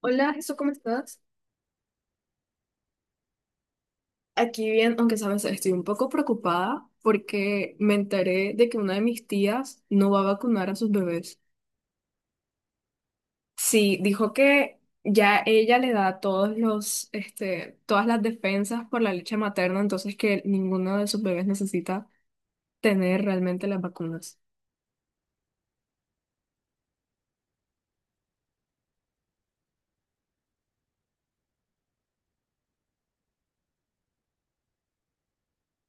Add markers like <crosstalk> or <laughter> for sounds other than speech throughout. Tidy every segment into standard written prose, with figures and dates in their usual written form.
Hola, Jesús, ¿cómo estás? Aquí bien, aunque sabes, estoy un poco preocupada porque me enteré de que una de mis tías no va a vacunar a sus bebés. Sí, dijo que ya ella le da todas las defensas por la leche materna, entonces que ninguno de sus bebés necesita tener realmente las vacunas.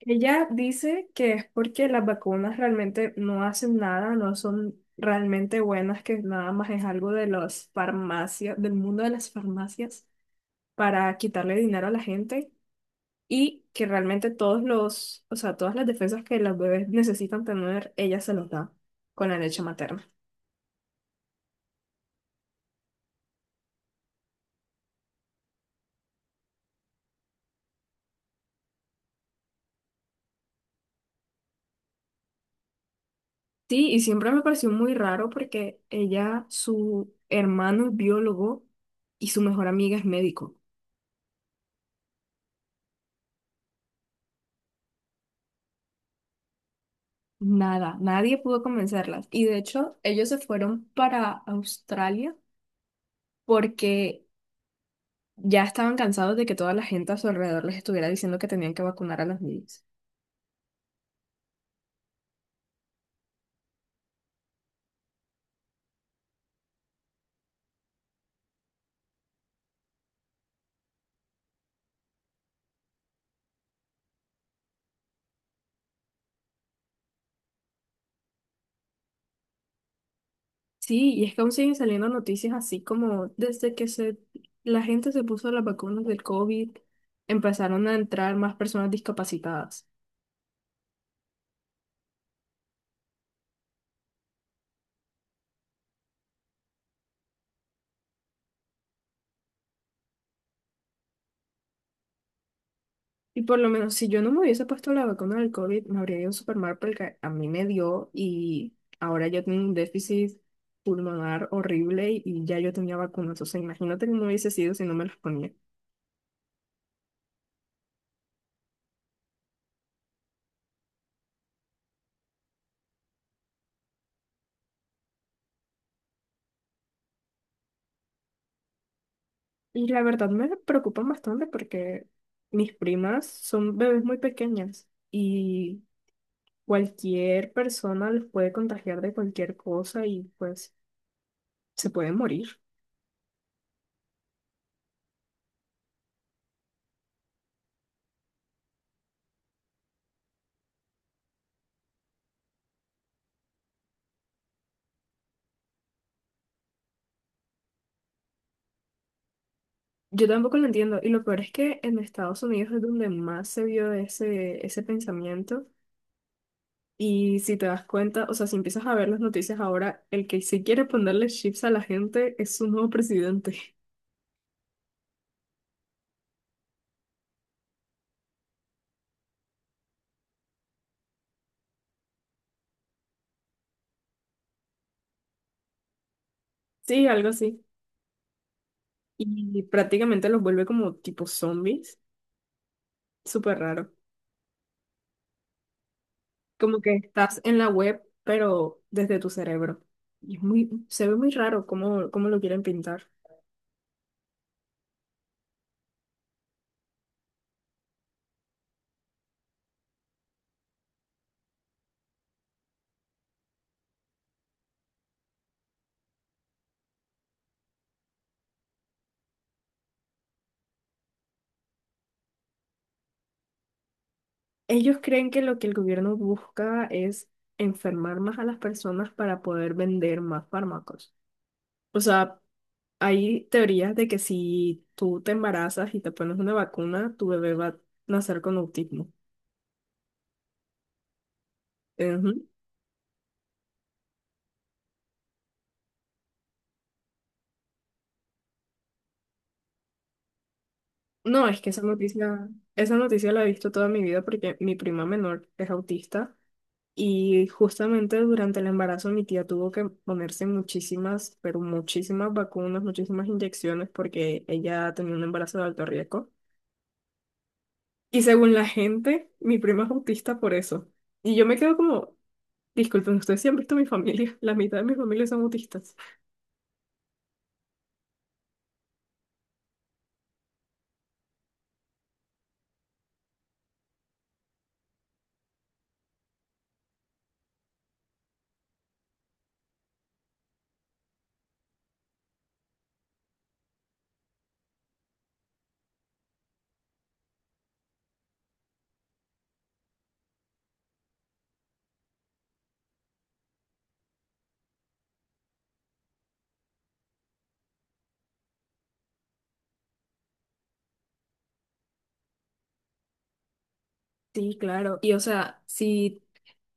Ella dice que es porque las vacunas realmente no hacen nada, no son realmente buenas, que nada más es algo de las farmacias, del mundo de las farmacias, para quitarle dinero a la gente y que realmente o sea, todas las defensas que los bebés necesitan tener, ella se los da con la leche materna. Sí, y siempre me pareció muy raro porque ella, su hermano es biólogo y su mejor amiga es médico. Nada, nadie pudo convencerlas. Y de hecho, ellos se fueron para Australia porque ya estaban cansados de que toda la gente a su alrededor les estuviera diciendo que tenían que vacunar a los niños. Sí, y es que aún siguen saliendo noticias así como la gente se puso las vacunas del COVID, empezaron a entrar más personas discapacitadas. Y por lo menos si yo no me hubiese puesto la vacuna del COVID, me habría ido súper mal porque a mí me dio y ahora yo tengo un déficit pulmonar horrible y ya yo tenía vacunas. O sea, imagínate cómo hubiese sido si no me las ponía. Y la verdad me preocupan bastante porque mis primas son bebés muy pequeñas y cualquier persona les puede contagiar de cualquier cosa y pues se pueden morir. Yo tampoco lo entiendo. Y lo peor es que en Estados Unidos es donde más se vio ese pensamiento. Y si te das cuenta, o sea, si empiezas a ver las noticias ahora, el que sí quiere ponerle chips a la gente es su nuevo presidente. <laughs> Sí, algo así. Y prácticamente los vuelve como tipo zombies. Súper raro. Como que estás en la web, pero desde tu cerebro. Y es muy, se ve muy raro cómo lo quieren pintar. Ellos creen que lo que el gobierno busca es enfermar más a las personas para poder vender más fármacos. O sea, hay teorías de que si tú te embarazas y te pones una vacuna, tu bebé va a nacer con autismo. Ujú. No, es que esa noticia la he visto toda mi vida porque mi prima menor es autista y justamente durante el embarazo mi tía tuvo que ponerse muchísimas, pero muchísimas vacunas, muchísimas inyecciones porque ella tenía un embarazo de alto riesgo. Y según la gente, mi prima es autista por eso. Y yo me quedo como, disculpen, ustedes sí han visto mi familia, <laughs> la mitad de mi familia son autistas. Sí, claro. Y o sea, si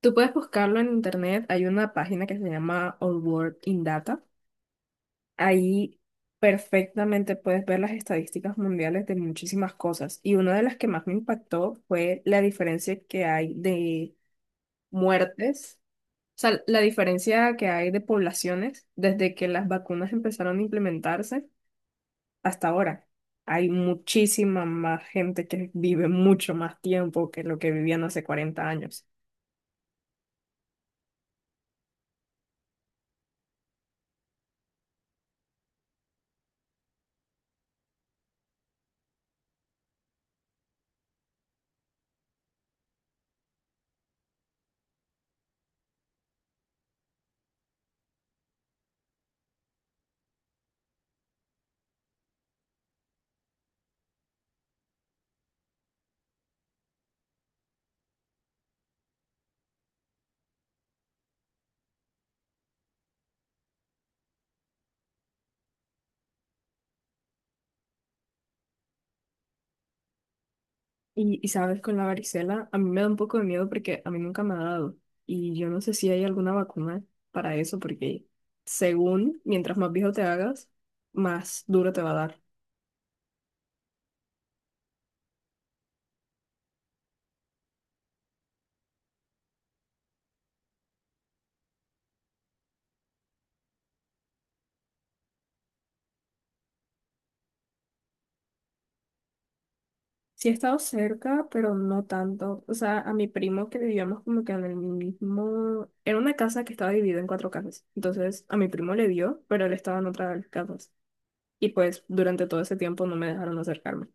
tú puedes buscarlo en internet, hay una página que se llama All World in Data. Ahí perfectamente puedes ver las estadísticas mundiales de muchísimas cosas. Y una de las que más me impactó fue la diferencia que hay de muertes, o sea, la diferencia que hay de poblaciones desde que las vacunas empezaron a implementarse hasta ahora. Hay muchísima más gente que vive mucho más tiempo que lo que vivían hace 40 años. Y sabes, con la varicela, a mí me da un poco de miedo porque a mí nunca me ha dado. Y yo no sé si hay alguna vacuna para eso, porque según mientras más viejo te hagas, más duro te va a dar. Sí he estado cerca, pero no tanto. O sea, a mi primo que vivíamos como que en el mismo... Era una casa que estaba dividida en cuatro casas. Entonces, a mi primo le dio, pero él estaba en otra de las casas. Y pues durante todo ese tiempo no me dejaron acercarme.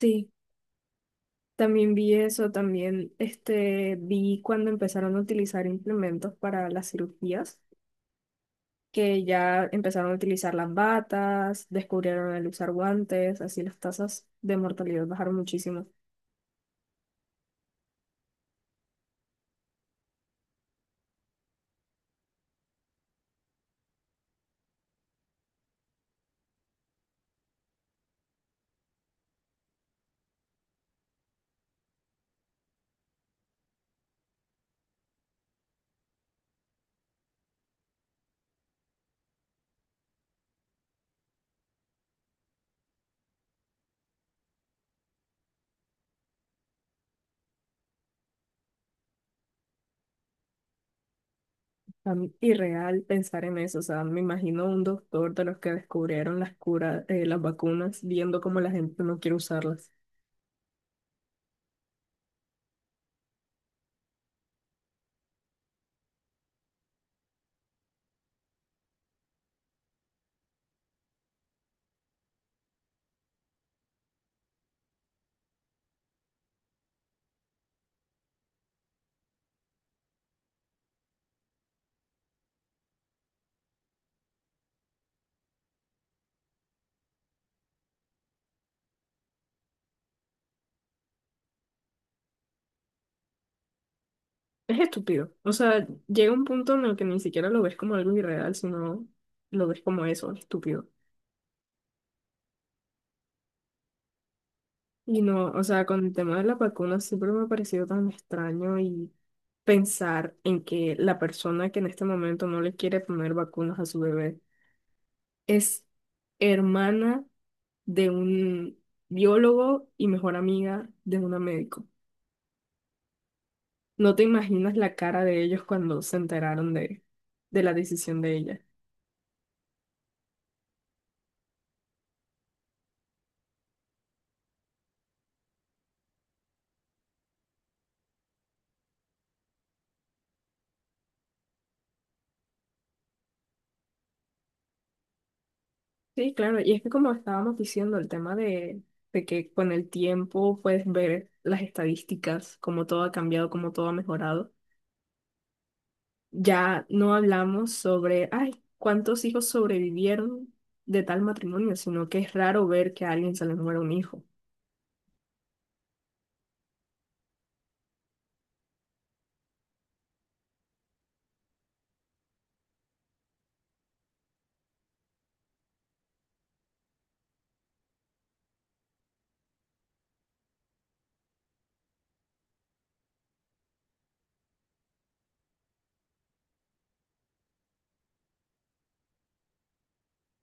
Sí, también vi eso, también vi cuando empezaron a utilizar implementos para las cirugías, que ya empezaron a utilizar las batas, descubrieron el usar guantes, así las tasas de mortalidad bajaron muchísimo. A mí, irreal pensar en eso, o sea, me imagino un doctor de los que descubrieron las curas, las vacunas, viendo cómo la gente no quiere usarlas. Es estúpido. O sea, llega un punto en el que ni siquiera lo ves como algo irreal, sino lo ves como eso, estúpido. Y no, o sea, con el tema de las vacunas siempre me ha parecido tan extraño y pensar en que la persona que en este momento no le quiere poner vacunas a su bebé es hermana de un biólogo y mejor amiga de una médico. No te imaginas la cara de ellos cuando se enteraron de la decisión de ella. Sí, claro, y es que como estábamos diciendo, el tema de que con el tiempo puedes ver las estadísticas, cómo todo ha cambiado, cómo todo ha mejorado. Ya no hablamos sobre, ay, cuántos hijos sobrevivieron de tal matrimonio, sino que es raro ver que a alguien se le muera un hijo.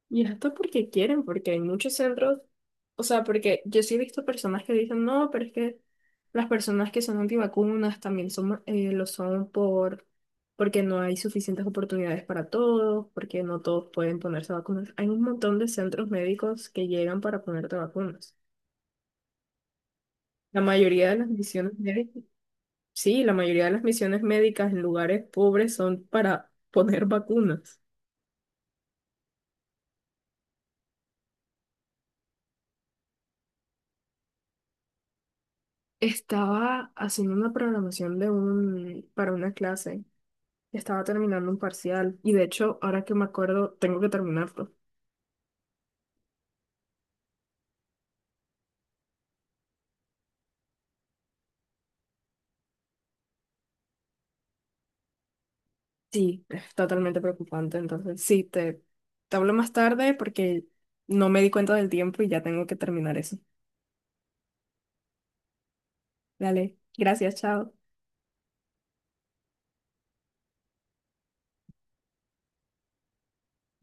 Y esto porque quieren, porque hay muchos centros, o sea, porque yo sí he visto personas que dicen, no, pero es que las personas que son antivacunas también son, lo son porque no hay suficientes oportunidades para todos, porque no todos pueden ponerse vacunas. Hay un montón de centros médicos que llegan para ponerte vacunas. La mayoría de las misiones médicas, sí, la mayoría de las misiones médicas en lugares pobres son para poner vacunas. Estaba haciendo una programación para una clase. Estaba terminando un parcial y de hecho, ahora que me acuerdo, tengo que terminarlo. Sí, es totalmente preocupante. Entonces, sí, te hablo más tarde porque no me di cuenta del tiempo y ya tengo que terminar eso. Dale, gracias, chao.